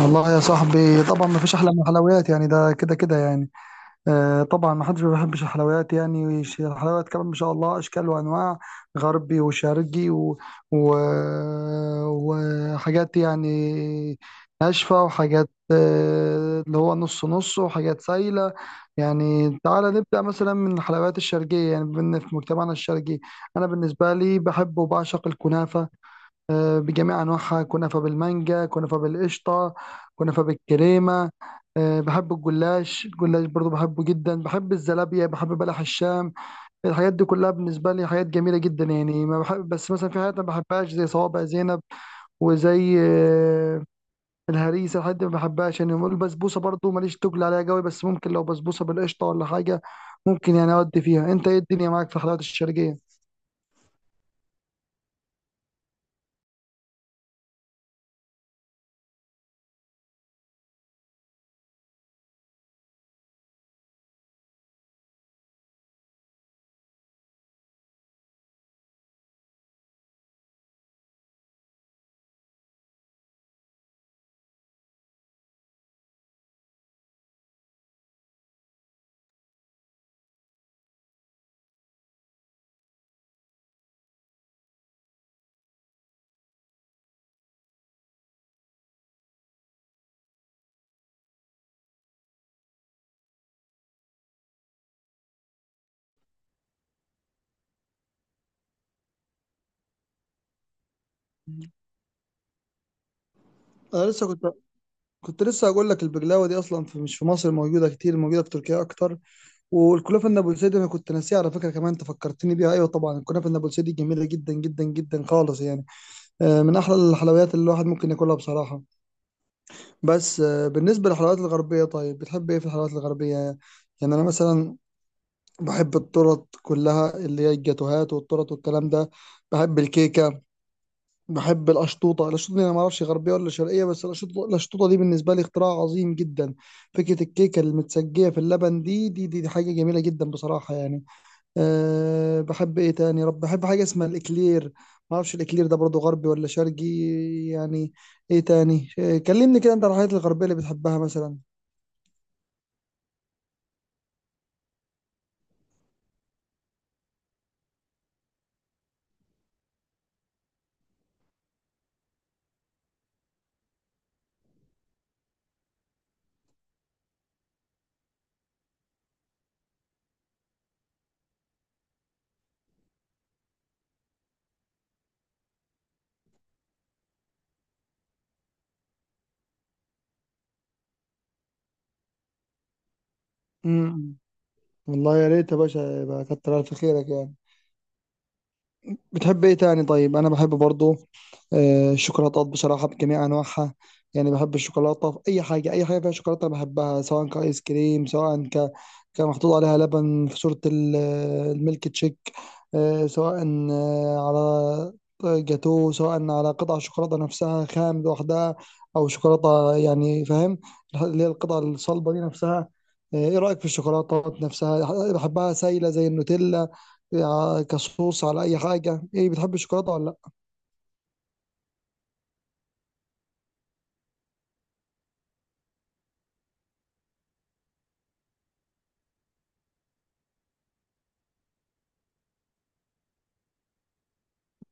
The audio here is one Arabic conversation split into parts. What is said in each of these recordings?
والله يا صاحبي، طبعا ما فيش احلى من الحلويات، يعني ده كده كده يعني. آه طبعا، ما حدش ما بيحبش الحلويات، يعني الحلويات كمان ما شاء الله اشكال وانواع، غربي وشرقي و... وحاجات يعني، ناشفه وحاجات، اللي هو نص نص، وحاجات سايله. يعني تعالى نبدا مثلا من الحلويات الشرقيه، يعني بما إن في مجتمعنا الشرقي، انا بالنسبه لي بحب وبعشق الكنافه. بجميع أنواعها، كنافة بالمانجا، كنافة بالقشطة، كنافة بالكريمة. بحب الجلاش، الجلاش برضو بحبه جدا، بحب الزلابية، بحب بلح الشام. الحاجات دي كلها بالنسبة لي حاجات جميلة جدا يعني. ما بحب بس مثلا في حاجات ما بحبهاش، زي صوابع زينب، وزي الهريسة. الحاجات دي ما بحبهاش يعني. البسبوسة برضو ماليش تقل عليها قوي، بس ممكن لو بسبوسة بالقشطة ولا حاجة ممكن يعني أودي فيها. أنت إيه الدنيا معاك في الحلويات الشرقية؟ انا لسه كنت لسه هقول لك، البقلاوه دي اصلا في مش في مصر موجوده كتير، موجوده في تركيا اكتر. والكنافه النابلسيدي انا كنت ناسيها على فكره، كمان انت فكرتني بيها، ايوه طبعا الكنافه النابلسيدي جميله جدا جدا جدا خالص يعني. من احلى الحلويات اللي الواحد ممكن ياكلها بصراحه. بس بالنسبه للحلويات الغربيه، طيب بتحب ايه في الحلويات الغربيه يعني؟ انا مثلا بحب التورت كلها، اللي هي الجاتوهات والتورت والكلام ده. بحب الكيكه. بحب الأشطوطة، الأشطوطة دي أنا ما أعرفش غربية ولا شرقية، بس الأشطوطة، الأشطوطة دي بالنسبة لي اختراع عظيم جدا. فكرة الكيكة المتسجية في اللبن، دي حاجة جميلة جدا بصراحة يعني. بحب إيه تاني؟ يا رب بحب حاجة اسمها الإكلير، ما أعرفش الإكلير ده برضو غربي ولا شرقي يعني. إيه تاني؟ كلمني كده أنت عن الحاجات الغربية اللي بتحبها مثلا. امم والله يا ريت يا باشا، يبقى كتر ألف خيرك يعني. بتحب ايه تاني؟ طيب انا بحب برضو الشوكولاتات بصراحة بجميع انواعها. يعني بحب الشوكولاتة في اي حاجة، اي حاجة فيها شوكولاتة أنا بحبها، سواء كايس كريم، سواء كان محطوط عليها لبن في صورة الميلك تشيك. سواء آه، على جاتو، سواء على قطع شوكولاتة نفسها خام لوحدها، او شوكولاتة يعني فاهم، اللي هي القطع الصلبة دي نفسها. ايه رأيك في الشوكولاتة نفسها؟ بحبها سايلة زي النوتيلا، يا كصوص على اي حاجه. ايه بتحب الشوكولاته ولا لا؟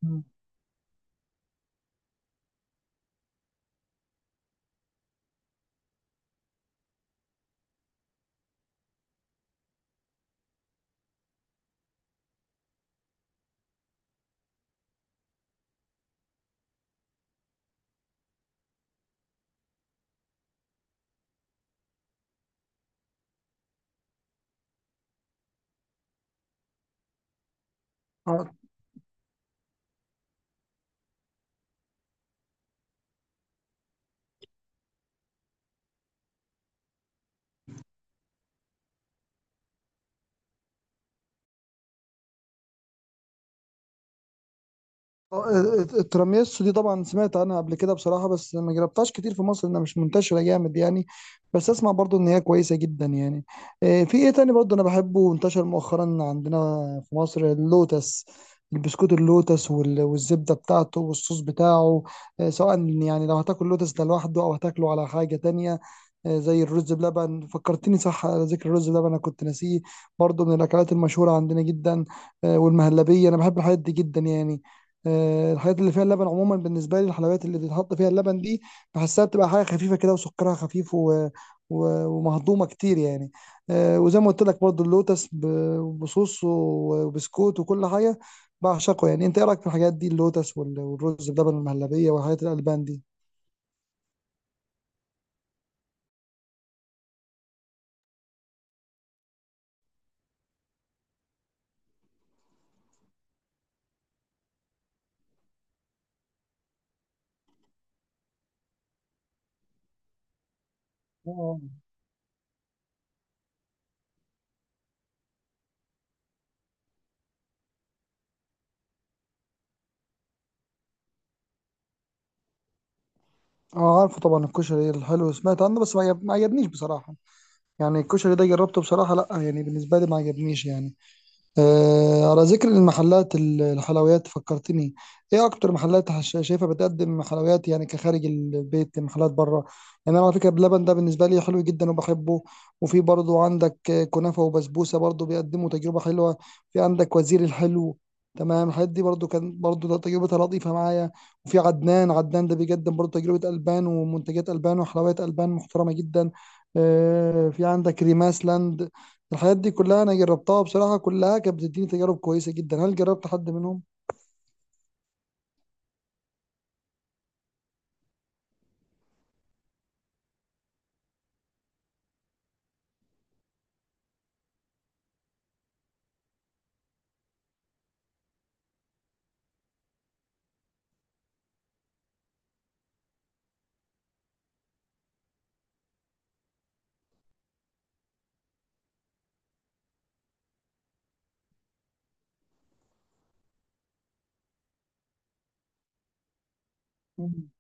مم. ع- آه، التراميسو دي طبعا سمعت عنها قبل كده بصراحة، بس ما جربتهاش كتير في مصر، انها مش منتشرة جامد يعني. بس اسمع برضو ان هي كويسة جدا يعني. في ايه تاني برضو انا بحبه وانتشر مؤخرا عندنا في مصر؟ اللوتس، البسكوت اللوتس والزبدة بتاعته والصوص بتاعه. سواء يعني لو هتاكل لوتس ده لوحده او هتاكله على حاجة تانية. زي الرز بلبن، فكرتني صح، على ذكر الرز بلبن انا كنت ناسيه، برضو من الاكلات المشهورة عندنا جدا. والمهلبية، انا بحب الحاجات دي جدا يعني. الحاجات اللي فيها اللبن عموما بالنسبه لي، الحلويات اللي بيتحط فيها اللبن دي بحسها بتبقى حاجه خفيفه كده، وسكرها خفيف ومهضومه كتير يعني. وزي ما قلت لك برضو اللوتس بصوص وبسكوت وكل حاجه بعشقه يعني. انت ايه رايك في الحاجات دي، اللوتس والرز بلبن، المهلبيه والحاجات الالبان دي؟ آه. اه عارفه طبعا، الكشري الحلو سمعت عنه، بس ما عجبنيش بصراحه يعني. الكشري ده جربته بصراحه، لا يعني بالنسبه لي ما عجبنيش يعني. آه على ذكر المحلات، الحلويات فكرتني، ايه اكتر محلات شايفها بتقدم حلويات يعني كخارج البيت، محلات بره يعني؟ انا على فكره بلبن ده بالنسبه لي حلو جدا وبحبه. وفي برضو عندك كنافه وبسبوسه، برضو بيقدموا تجربه حلوه. في عندك وزير الحلو، تمام، الحاجات دي برضو كان برضو ده تجربتها لطيفه معايا. وفي عدنان، عدنان ده بيقدم برضو تجربه البان ومنتجات البان وحلويات البان محترمه جدا. في عندك ريماس لاند. الحاجات دي كلها انا جربتها بصراحة، كلها كانت بتديني تجارب كويسة جدا. هل جربت حد منهم؟ مم.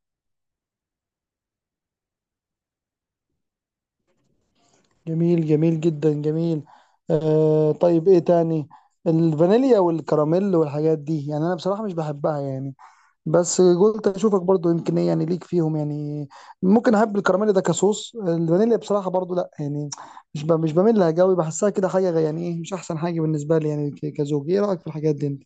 جميل، جميل جدا جميل. آه طيب ايه تاني؟ الفانيليا والكراميل والحاجات دي يعني انا بصراحة مش بحبها يعني، بس قلت اشوفك برضو يمكن ايه يعني ليك فيهم يعني. ممكن احب الكراميل ده كصوص، الفانيليا بصراحة برضو لا يعني، مش بميل لها قوي، بحسها كده حاجة يعني ايه، مش احسن حاجة بالنسبة لي يعني كزوج. ايه رأيك في الحاجات دي انت؟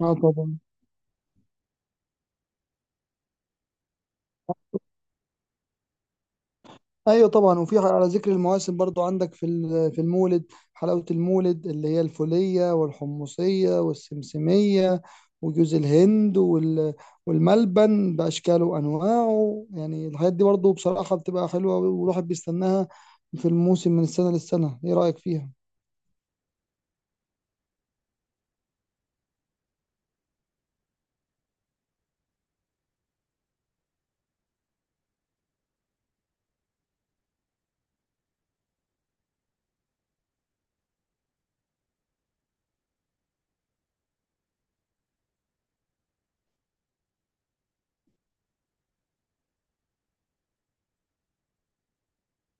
اه طبعا، ايوه طبعا. وفي على ذكر المواسم برضو عندك في في المولد، حلاوه المولد اللي هي الفوليه والحمصيه والسمسميه وجوز الهند والملبن باشكاله وانواعه يعني. الحاجات دي برضو بصراحه بتبقى حلوه والواحد بيستناها في الموسم من السنه للسنه. ايه رايك فيها؟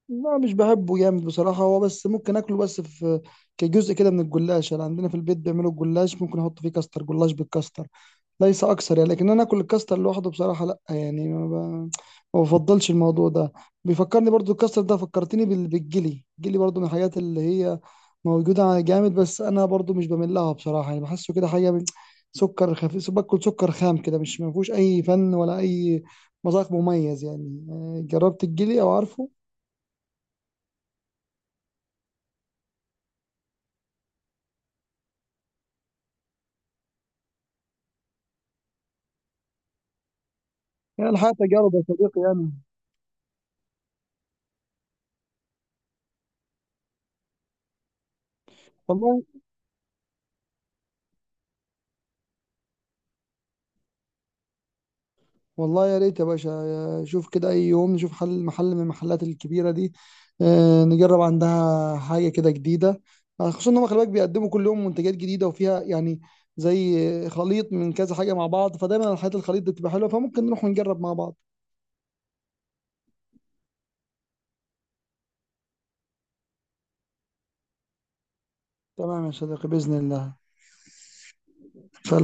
لا مش بحبه جامد بصراحه، هو بس ممكن اكله بس في كجزء كده من الجلاش يعني، عندنا في البيت بيعملوا الجلاش ممكن احط فيه كاستر، جلاش بالكاستر، ليس اكثر يعني. لكن انا اكل الكاستر لوحده بصراحه لا يعني، ما بفضلش الموضوع ده. بيفكرني برضو الكاستر ده، فكرتني بالجلي، الجلي برضو من الحاجات اللي هي موجوده على جامد، بس انا برضو مش بميل لها بصراحه يعني. بحسه كده حاجه من سكر خفيف، باكل سكر خام كده، مش ما فيهوش اي فن ولا اي مذاق مميز يعني. آه، جربت الجلي او عارفه؟ يعني الحياه تجارب يا صديقي يعني. والله والله يا ريت يا باشا شوف كده، أي يوم نشوف حل، محل من المحلات الكبيرة دي، نجرب عندها حاجة كده جديدة. خصوصا إن هم خلي بالك بيقدموا كل يوم منتجات جديدة وفيها يعني زي خليط من كذا حاجة مع بعض، فدايما الحاجات الخليط دي بتبقى حلوة، فممكن نروح ونجرب مع بعض. تمام يا صديقي، بإذن الله.